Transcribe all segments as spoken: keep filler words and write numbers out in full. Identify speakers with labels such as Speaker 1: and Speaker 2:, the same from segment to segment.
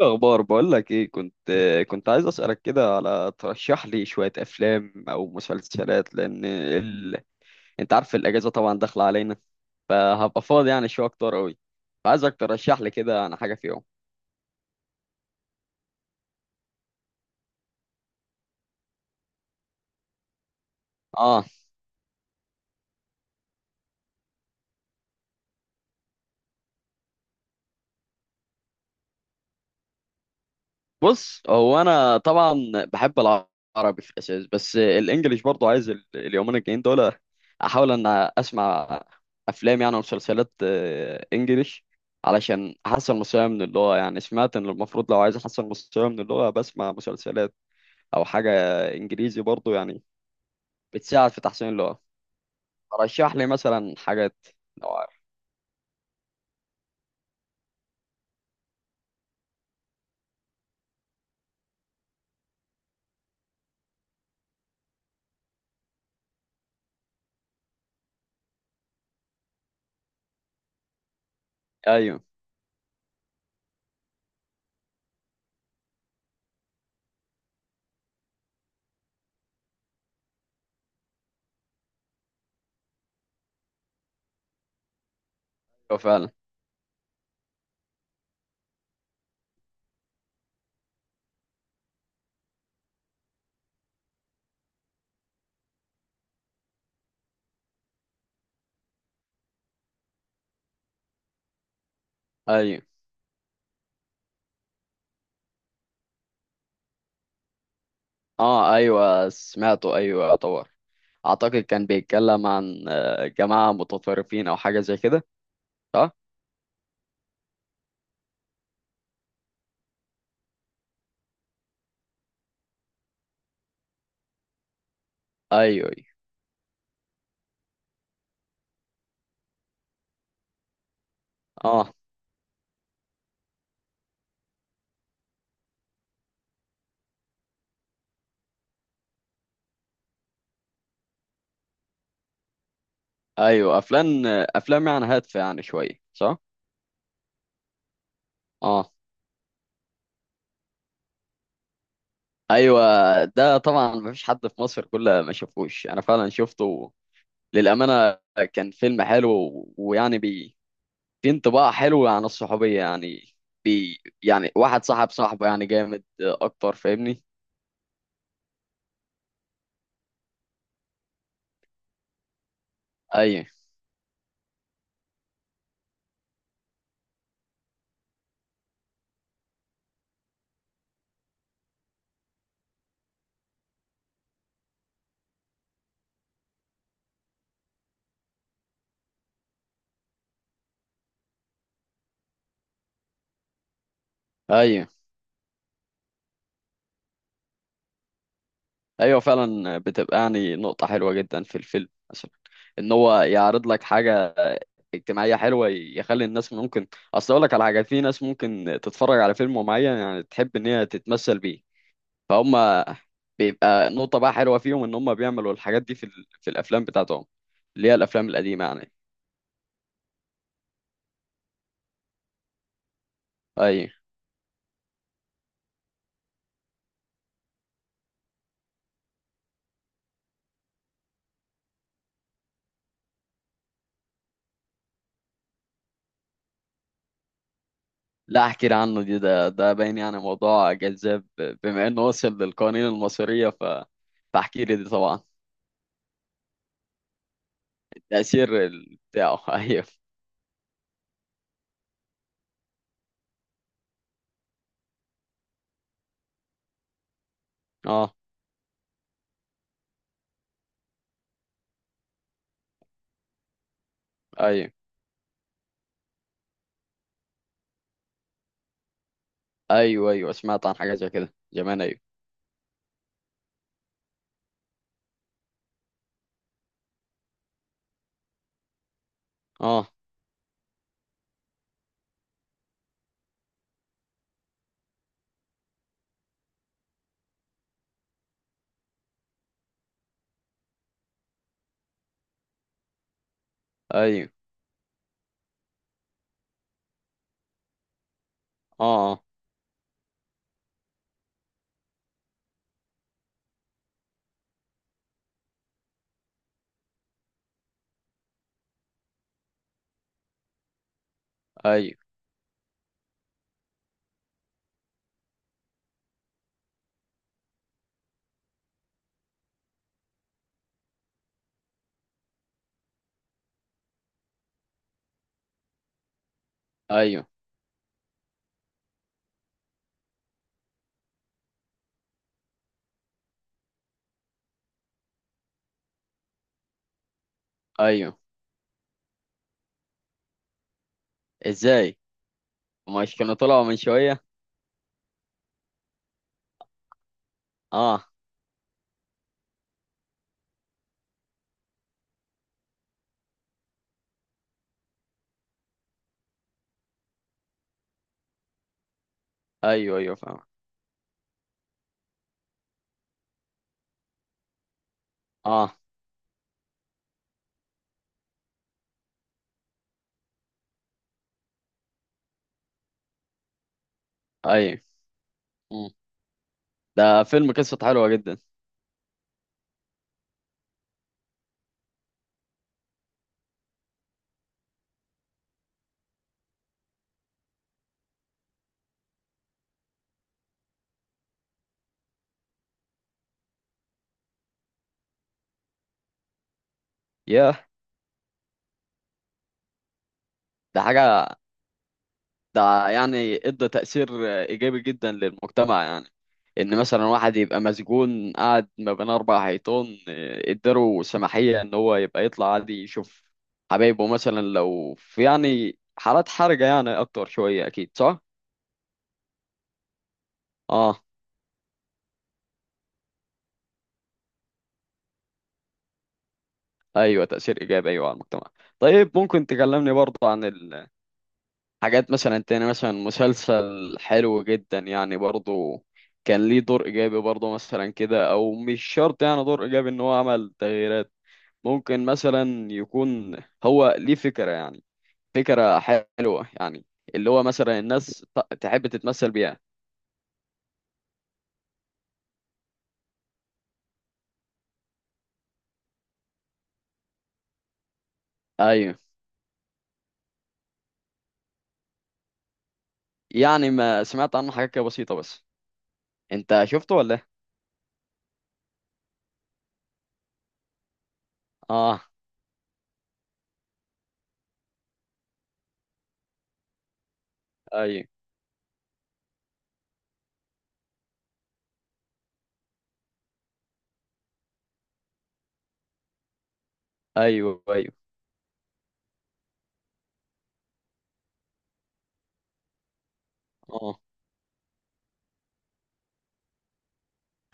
Speaker 1: اخبار. بقول لك ايه، كنت كنت عايز اسالك كده على ترشح لي شويه افلام او مسلسلات، لان ال... انت عارف الاجازه طبعا داخله علينا، فهبقى فاضي يعني شويه اكتر قوي، فعايزك ترشح لي كده انا حاجه فيهم. اه. بص، هو انا طبعا بحب العربي في الاساس، بس الانجليش برضو عايز ال- اليومين الجايين دول احاول ان اسمع افلام يعني ومسلسلات آه، انجليش، علشان احسن مستواي من اللغه. يعني سمعت ان المفروض لو عايز احسن مستواي من اللغه بسمع مسلسلات او حاجه انجليزي برضو، يعني بتساعد في تحسين اللغه. رشح لي مثلا حاجات لو عارف. ايوه، أيوة فعلا. ايوه. اه ايوه سمعته، ايوه طبعا. اعتقد كان بيتكلم عن آه، جماعة متطرفين او حاجة زي كده، صح؟ ايوه أيوة. اه ايوه. افلام افلام يعني هادفة، يعني شوية، صح؟ اه ايوه. ده طبعا مفيش حد في مصر كله ما شافوش، انا فعلا شفته للأمانة. كان فيلم حلو و- ويعني بي في انطباع حلو عن الصحوبية، يعني بي يعني واحد صاحب صاحبه يعني، جامد اكتر، فاهمني؟ ايوه ايوه. ايوه فعلا، بتبقى يعني نقطة حلوة جدا في الفيلم، مثلا ان هو يعرض لك حاجة اجتماعية حلوة يخلي الناس ممكن، اصل اقول لك على حاجة، في ناس ممكن تتفرج على فيلم معين يعني تحب ان هي تتمثل بيه، فهم بيبقى نقطة بقى حلوة فيهم ان هم بيعملوا الحاجات دي في ال... في الافلام بتاعتهم، اللي هي الافلام القديمة يعني. اي. لا، احكي لي عنه، دي ده ده باين يعني موضوع جذاب بما انه وصل للقوانين المصرية، ف فاحكي لي دي طبعا. التأثير بتاعه ايوه. اه ايوه ايوه. ايوه سمعت عن حاجه زي كده زمان، ايوه. اه ايوه. اه. آه، ايوه ايوه ايوه. ازاي؟ مش كانوا طلعوا من شويه؟ اه ايوه ايوه فاهم. اه ايوه. مم. ده فيلم قصته حلوه جدا. ياه، ده حاجه، ده يعني ادى تأثير إيجابي جدا للمجتمع، يعني إن مثلا واحد يبقى مسجون قاعد ما بين أربع حيطان، آه، اداله سماحية إن هو يبقى يطلع عادي يشوف حبايبه، مثلا لو في يعني حالات حرجة يعني، أكتر شوية، أكيد صح؟ آه. أيوه، تأثير إيجابي، أيوه، على المجتمع. طيب ممكن تكلمني برضه عن الحاجات مثلا تاني، مثلا مسلسل حلو جدا يعني برضه كان ليه دور إيجابي برضه، مثلا كده، أو مش شرط يعني دور إيجابي إن هو عمل تغييرات، ممكن مثلا يكون هو ليه فكرة يعني، فكرة حلوة يعني، اللي هو مثلا الناس ت- تحب تتمثل بيها. ايوه، يعني ما سمعت عنه حاجة كده بسيطة بس. انت شفته ولا إيه؟ اه ايوه ايوه ايوه. اه.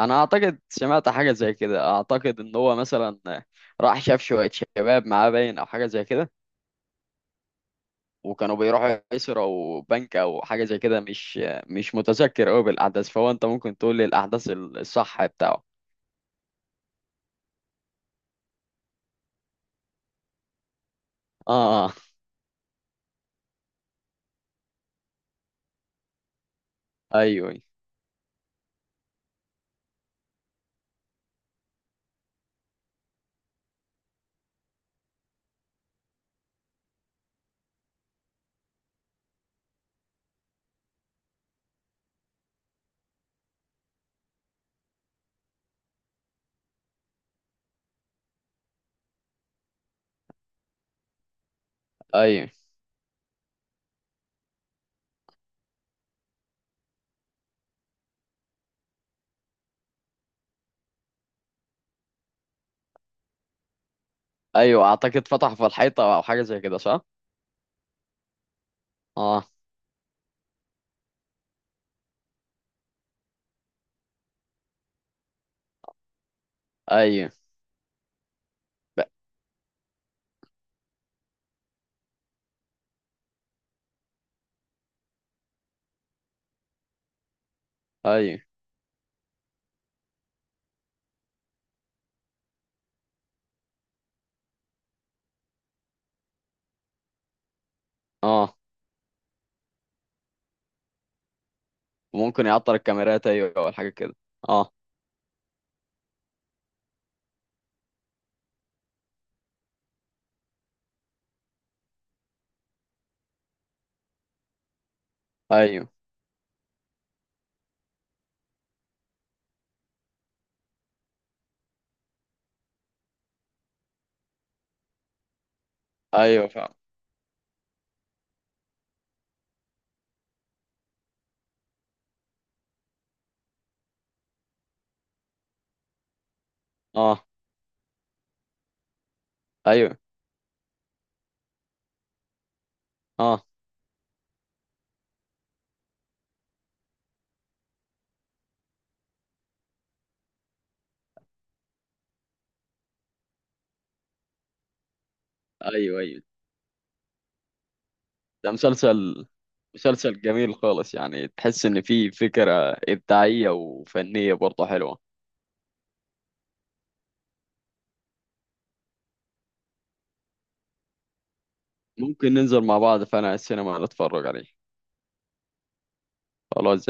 Speaker 1: انا اعتقد سمعت حاجة زي كده، اعتقد ان هو مثلا راح شاف شوية شباب معاه باين او حاجة زي كده، وكانوا بيروحوا يسرقوا او بنك او حاجة زي كده، مش، مش متذكر قوي بالاحداث، فهو انت ممكن تقول لي الاحداث الصح بتاعه. اه آه. ايوه ايوه ايوه، اعتقد فتح في الحيطه او حاجه زي كده، صح؟ اه ايوه. ب- ايوه. اه، ممكن يعطل الكاميرات، ايوه او حاجه كده. اه ايوه. ايوه فعلا. اه ايوه. اه ايوه ايوه. ده مسلسل مسلسل جميل خالص، يعني تحس ان فيه فكره ابداعيه وفنيه برضه حلوه. ممكن ننزل مع بعض، فانا السينما نتفرج عليه. خلاص.